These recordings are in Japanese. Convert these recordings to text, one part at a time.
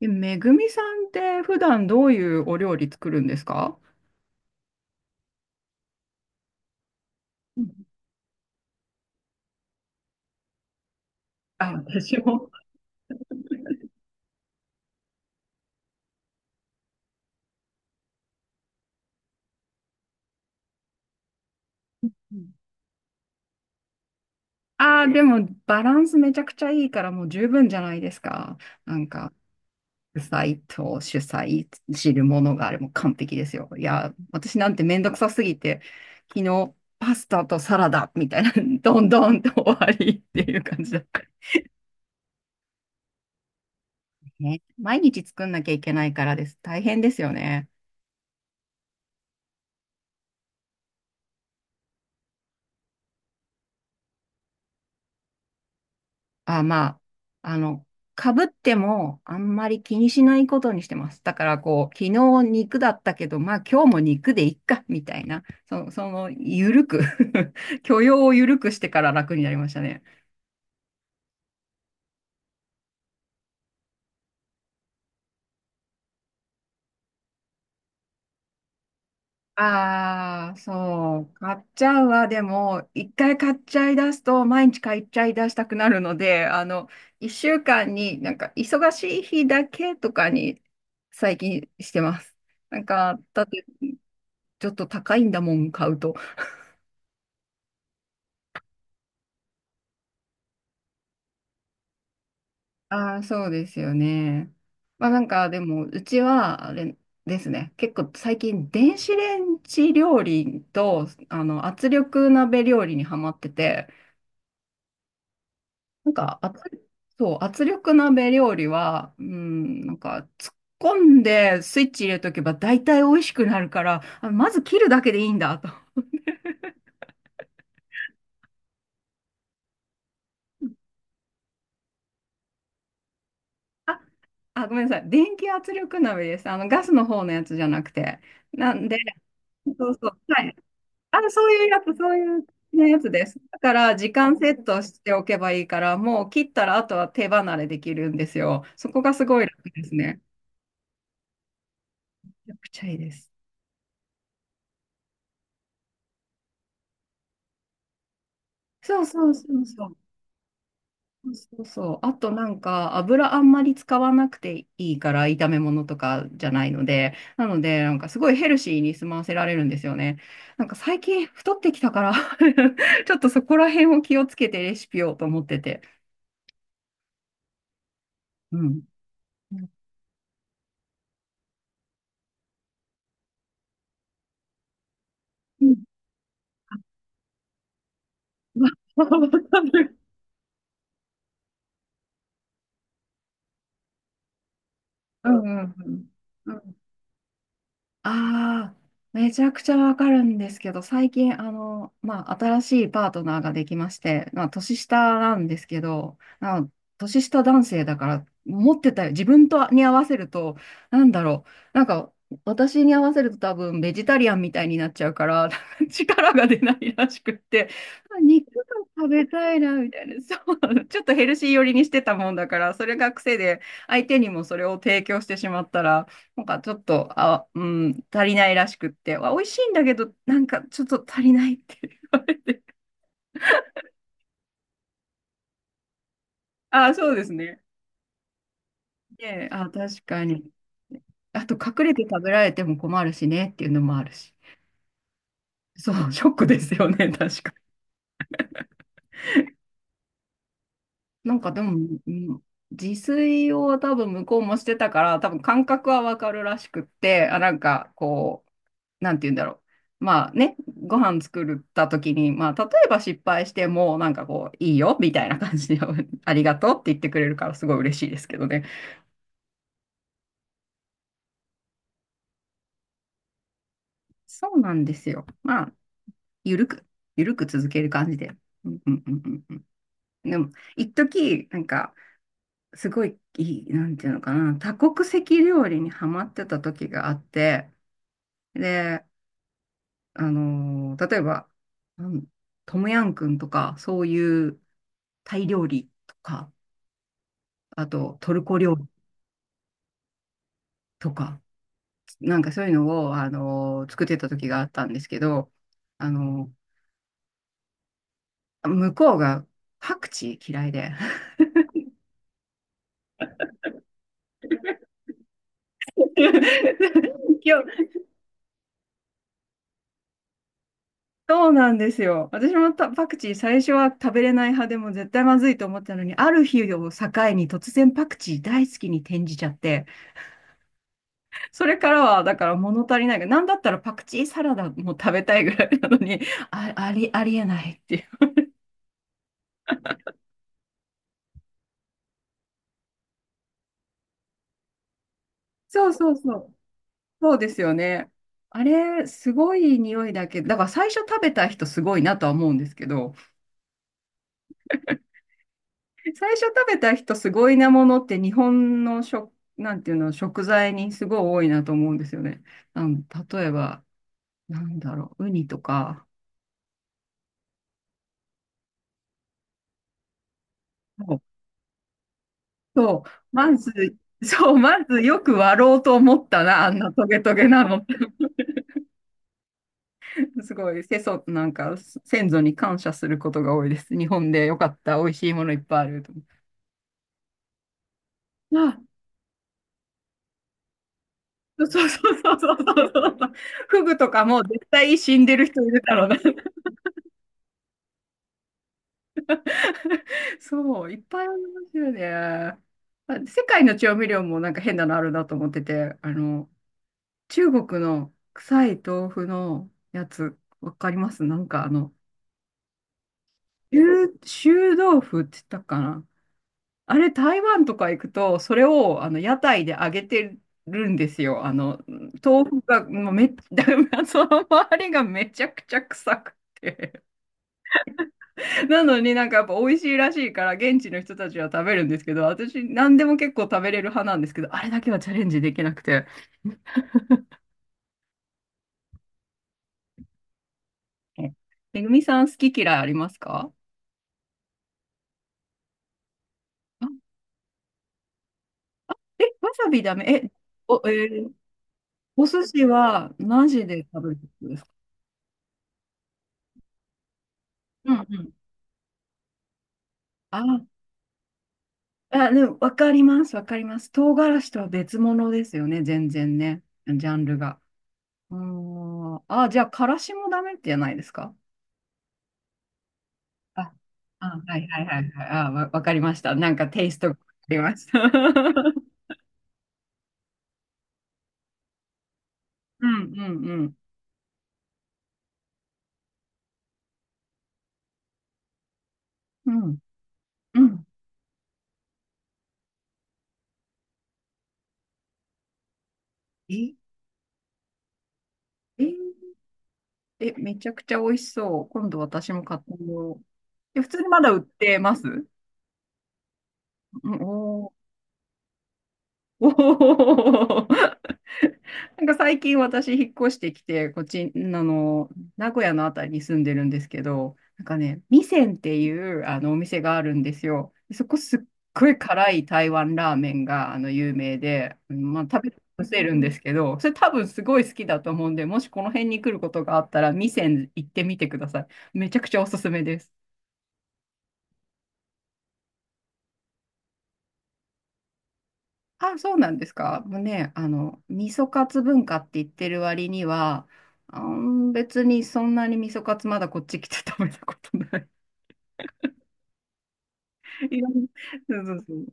え、めぐみさんって普段どういうお料理作るんですか？うん。あ、私も。ああー、でもバランスめちゃくちゃいいからもう十分じゃないですか。なんか、主菜と主菜、汁物があれも完璧ですよ。いや、私なんてめんどくさすぎて、昨日パスタとサラダみたいな、どんどんと終わりっていう感じだった。ね、毎日作んなきゃいけないからです。大変ですよね。あ、まあ、あの、かぶってもあんまり気にしないことにしてます。だからこう、昨日肉だったけど、まあ今日も肉でいっか、みたいな、その、ゆるく 許容をゆるくしてから楽になりましたね。ああ、そう、買っちゃうわ。でも、一回買っちゃい出すと、毎日買っちゃい出したくなるので、一週間になんか、忙しい日だけとかに、最近してます。なんか、だって、ちょっと高いんだもん、買うと。ああ、そうですよね。まあなんかでも、うちはあれですね、結構最近電子レンジ料理と圧力鍋料理にハマってて、なんかそう、圧力鍋料理は、うん、なんか突っ込んでスイッチ入れとけば大体美味しくなるから、あ、まず切るだけでいいんだと。あ、あ、ごめんなさい。電気圧力鍋です。あのガスの方のやつじゃなくて。なんで、そうそう。はい。あ、そういうやつ、そういうねやつです。だから、時間セットしておけばいいから、もう切ったら、あとは手離れできるんですよ。そこがすごい楽ですね。めちゃくちゃいいです。そうそうそうそう。そうそうそう。あとなんか、油あんまり使わなくていいから、炒め物とかじゃないので、なんかすごいヘルシーに済ませられるんですよね。なんか最近太ってきたから ちょっとそこら辺を気をつけてレシピをと思ってて。うん。うん わかる。うんうんうん。うん。ああ、めちゃくちゃわかるんですけど、最近、まあ、新しいパートナーができまして、まあ、年下なんですけど、年下男性だから、持ってたよ。自分とに合わせると、なんだろう。なんか、私に合わせると多分、ベジタリアンみたいになっちゃうから、力が出ないらしくって、あ、肉が食べたいな、みたいな。そう、ちょっとヘルシー寄りにしてたもんだから、それが癖で、相手にもそれを提供してしまったら、なんかちょっと、あ、うん、足りないらしくって、あ、美味しいんだけど、なんかちょっと足りないっていう。あ、そうですね。で、あ、確かに。あと、隠れて食べられても困るしねっていうのもあるし。そう、ショックですよね、確かに。なんかでも、うん、自炊を多分向こうもしてたから、多分感覚はわかるらしくって、あ、なんかこう、なんて言うんだろう。まあね、ご飯作った時に、まあ例えば失敗しても、なんかこう、いいよみたいな感じで、ありがとうって言ってくれるからすごい嬉しいですけどね。そうなんですよ。まあ、ゆるく、ゆるく続ける感じで。うんうんうんうんうん。でも、一時なんか、すごい、いい、なんていうのかな、多国籍料理にハマってた時があって、で、例えば、うん、トムヤンくんとか、そういうタイ料理とか、あとトルコ料理とか、なんかそういうのを、作ってた時があったんですけど、あの、向こうがパクチー嫌いで。いや、そうなんですよ。私もたパクチー最初は食べれない派でも絶対まずいと思ってたのに、ある日を境に突然パクチー大好きに転じちゃって、それからはだから物足りないが、なんだったらパクチーサラダも食べたいぐらいなのに、あ、ありえないっていう。そうそうそう。そうですよね。あれ、すごい匂いだけど、だから最初食べた人すごいなとは思うんですけど、最初食べた人すごいなものって日本の食、なんていうの、食材にすごい多いなと思うんですよね。あの、例えば、なんだろう、ウニとか。そう、そうまず、そう、まずよく割ろうと思ったな、あんなトゲトゲなのって。すごい、なんか、先祖に感謝することが多いです。日本でよかった、美味しいものいっぱいあると思って。そうそうそうそうそうそうそう。フグとかも絶対死んでる人いるだろうな。そう、いっぱいありますよね。あ、世界の調味料もなんか変なのあるなと思ってて、中国の臭い豆腐のやつ、わかります？なんか臭臭豆腐って言ったかな。あれ、台湾とか行くと、それをあの屋台で揚げてるんですよ。豆腐が、もうその周りがめちゃくちゃ臭くて。なのになんかやっぱ美味しいらしいから現地の人たちは食べるんですけど、私何でも結構食べれる派なんですけど、あれだけはチャレンジできなくて。え、めぐみさん好き嫌いありますか？あ、え、わさびダメ？え、お、ーお寿司はマジで食べるってことですか？うんうん。あ、あ、でもわかります、わかります。唐辛子とは別物ですよね、全然ね、ジャンルが。うーん。あ、じゃあ、からしもダメってじゃないですか？あ、あ、はいはいはいはい。あ、わかりました。なんかテイストがわかりました。うんうんうん。うんうん。え、え、え、めちゃくちゃ美味しそう。今度私も買ってみよう。え、普通にまだ売ってます？うん、お、おー。 なんか最近私引っ越してきて、こっち、名古屋のあたりに住んでるんですけど、なんかね、味仙っていうあのお店があるんですよ。そこすっごい辛い台湾ラーメンが有名で、まあ、食べさせるんですけど、それ多分すごい好きだと思うんで、もしこの辺に来ることがあったら、味仙行ってみてください。めちゃくちゃおすすめです。あ、そうなんですか。もうね、味噌カツ文化って言ってる割には、あん、別にそんなに味噌カツまだこっち来て食べたことない。いろんなそうそうそう。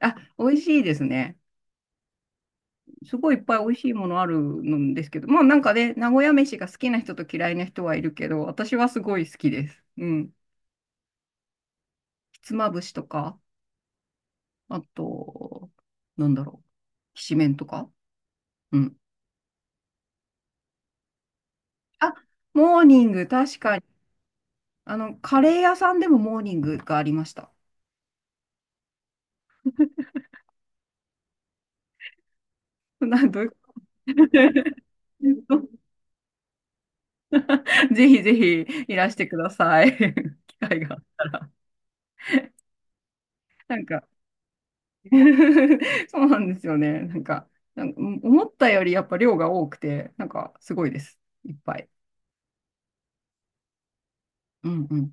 あ、美味しいですね。すごいいっぱい美味しいものあるんですけど、まあなんかね、名古屋飯が好きな人と嫌いな人はいるけど、私はすごい好きです。うん。ひつまぶしとか、あと、なんだろう、きしめんとか。うん。あ、モーニング、確かに。カレー屋さんでもモーニングがありました。なんどういうこと？ ぜひぜひいらしてください。機会が。なんか そうなんですよね。なんか思ったよりやっぱ量が多くて、なんかすごいです。いっぱい。うんうん。